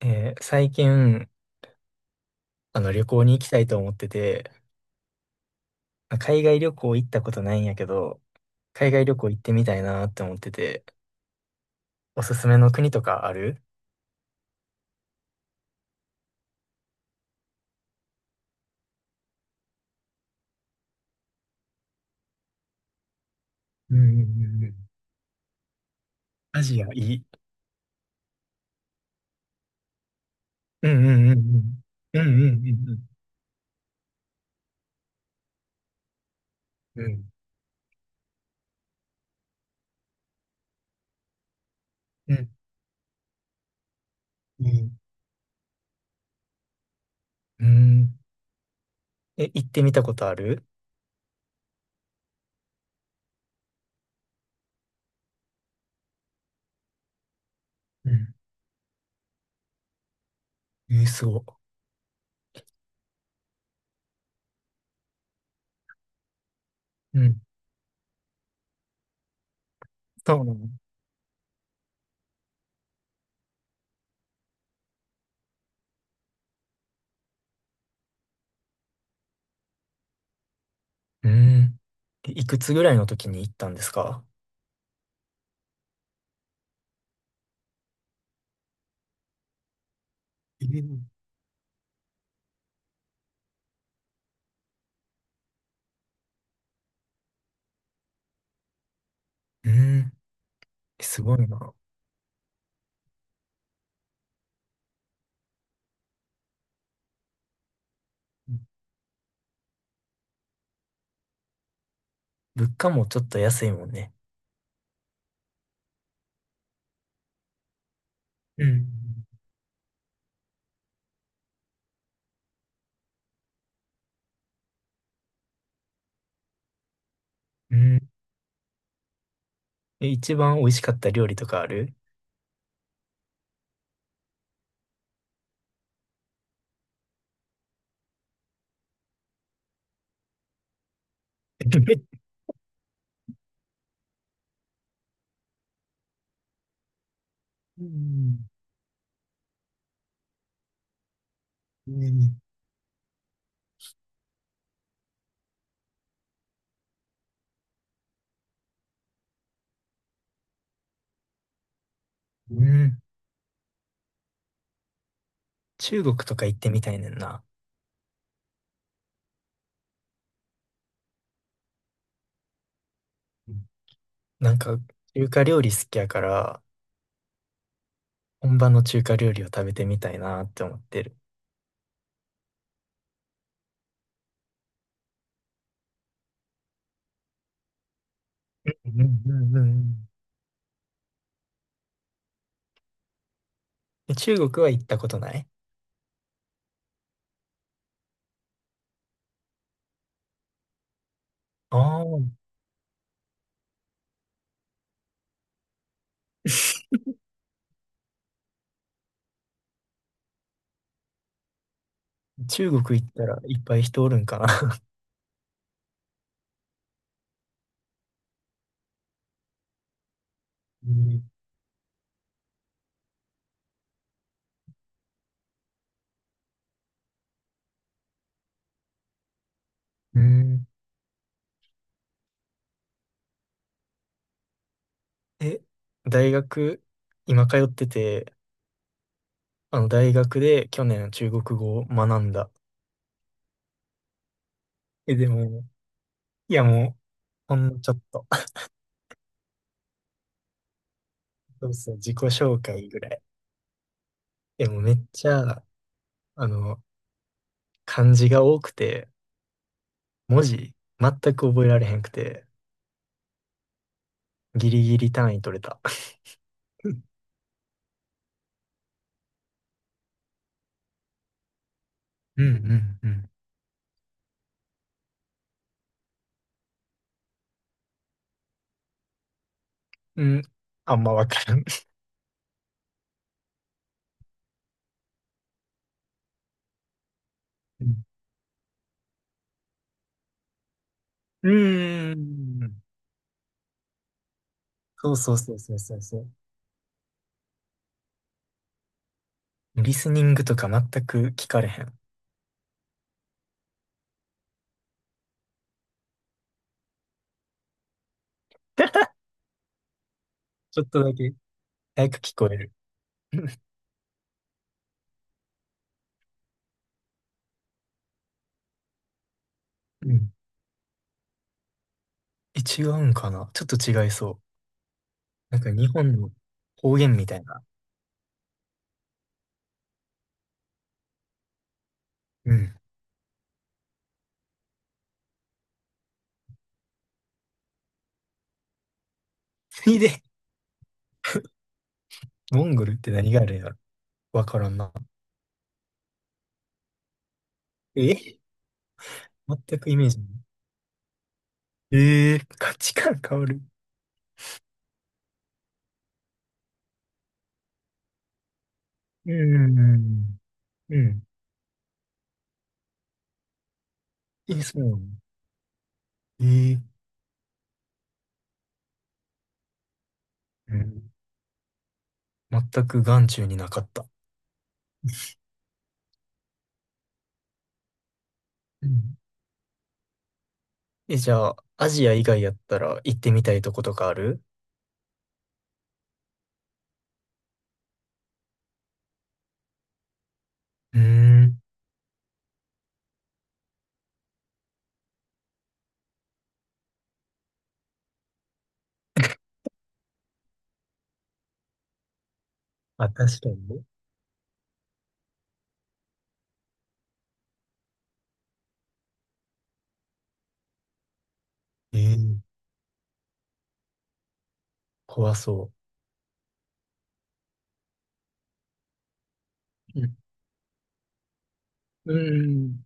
最近、旅行に行きたいと思ってて、海外旅行行ったことないんやけど、海外旅行行ってみたいなって思ってて、おすすめの国とかある？うんうんうんうん。アジアいい。うんうんうんうん。うんうん。うん。うん。うん。うんうん。うん。え、行ってみたことある？うん。えー、すご。うん。そうなの？うん。えいくつぐらいの時に行ったんですか？えー、うん。えすごいな。物価もちょっと安いもんね。うん。うん。え、一番美味しかった料理とかある？ うん。うんうん。中国とか行ってみたいねんな。うん。なんか、中華料理好きやから、本場の中華料理を食べてみたいなって思ってる。うんうんうんうん。え、中国は行ったことない？ああー。中国行ったらいっぱい人おるんかな。うんうん。え、大学、今通ってて、あの大学で去年中国語を学んだ。え、でも、いや、もう、ほんのちょっと。そうですね、自己紹介ぐらい。でもうめっちゃ、あの、漢字が多くて、文字全く覚えられへんくて、ギリギリ単位取れた。うんうんうん。うん、あんまわからん。うんうーん。そうそうそうそうそうそう。リスニングとか全く聞かれへん。ちょっとだけ早く聞こえる。うん。え、違うんかなちょっと違いそう。なんか日本の方言みたいな。うん。ついで。モンゴルって何があるんやろ？わからんな。え、全くイメージない。えー、価値観変わる。うん。うん。え、そうなの？えー、うん。全く眼中になかった。うん。え、じゃあ、アジア以外やったら行ってみたいとことかある？うーん。あ、確かにね。えー、怖そう。うん。うーん。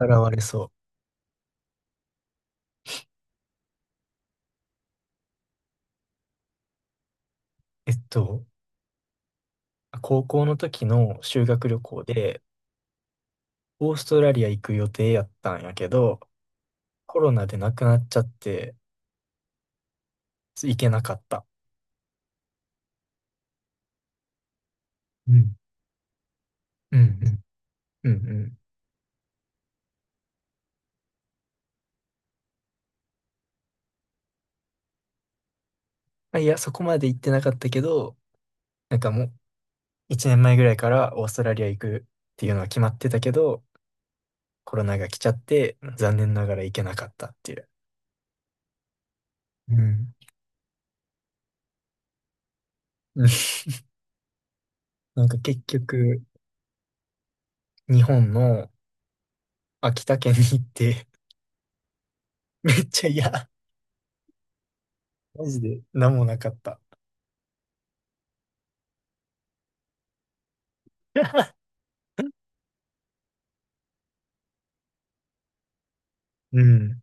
現れそう。高校の時の修学旅行で、オーストラリア行く予定やったんやけど、コロナで亡くなっちゃって、行けなかった。うん。うん。うんうん。うん。あいや、そこまで行ってなかったけど、なんかもう、1年前ぐらいからオーストラリア行くっていうのは決まってたけど、コロナが来ちゃって、残念ながら行けなかったっていう。うん。うん。なんか結局、日本の秋田県に行って、めっちゃ、いや、マジで何もなかった。うん。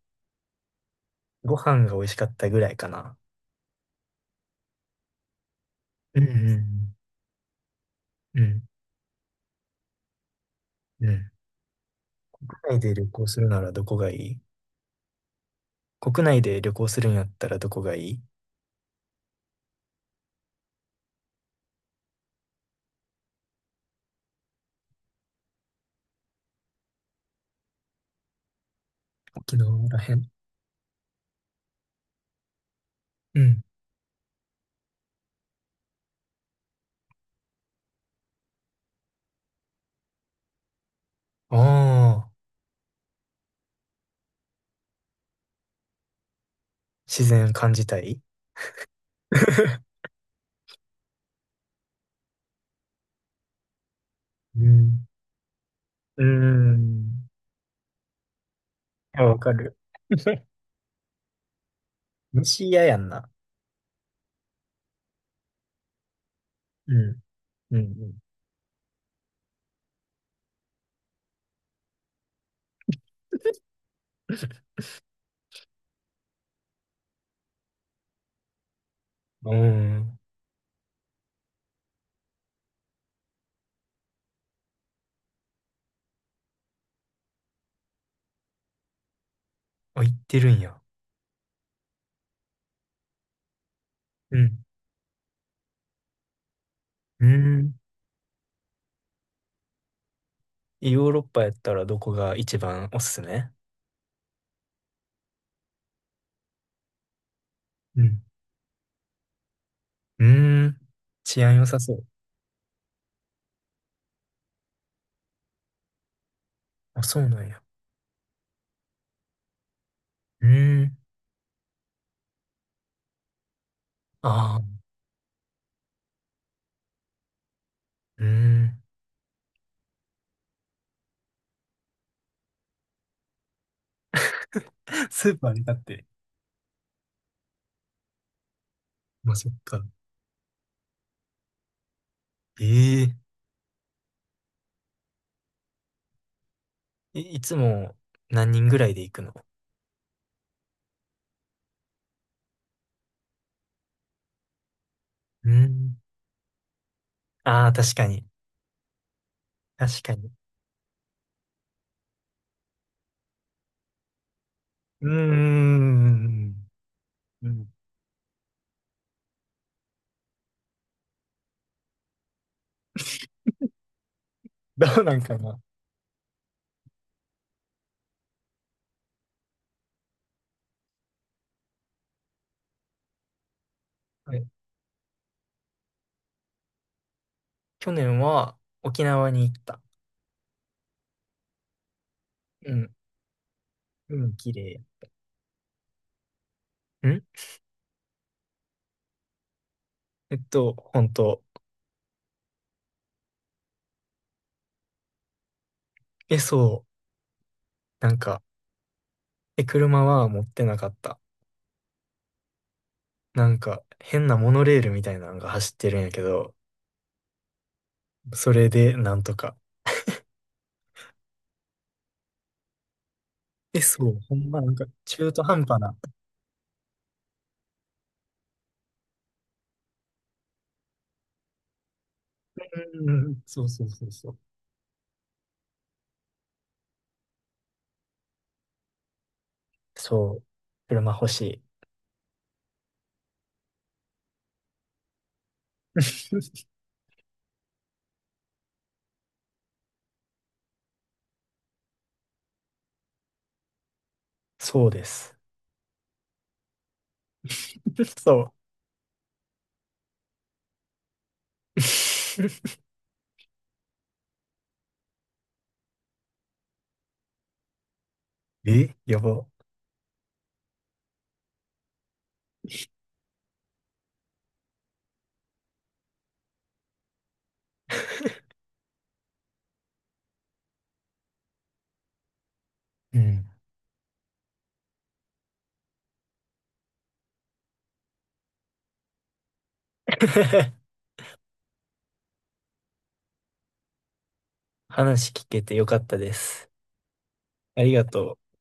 ご飯が美味しかったぐらいかな。うん。うん。うん。うん。うん。国内で旅行するならどこがいい？国内で旅行するんやったらどこがいい？沖縄らへん？うん。ああ、自然感じたい？ うん。うーん。いや、わかる。虫嫌やんな。うん。うん。うん。うーん。あ、行ってるんや。うん。うーん。ヨーロッパやったらどこが一番おすすめ？うん。うーん。治安良さそう。あ、そうなんや。うーん。ああ。うーん。スーパーに立って。まあ、そっか。ええい、いつも何人ぐらいで行くの？うん。ああー、確かに。確かに。うーん。うん。どうなんかな。はい。去年は沖縄に行った。うん。うん。綺麗。ん。本当。え、そう。なんか、え、車は持ってなかった。なんか、変なモノレールみたいなのが走ってるんやけど、それでなんとか。え、そう。ほんま、なんか、中途半端な。うん。そうそうそうそう。そう、車欲しい。そうです。そう。えやば。うん。話聞けてよかったです。ありがとう。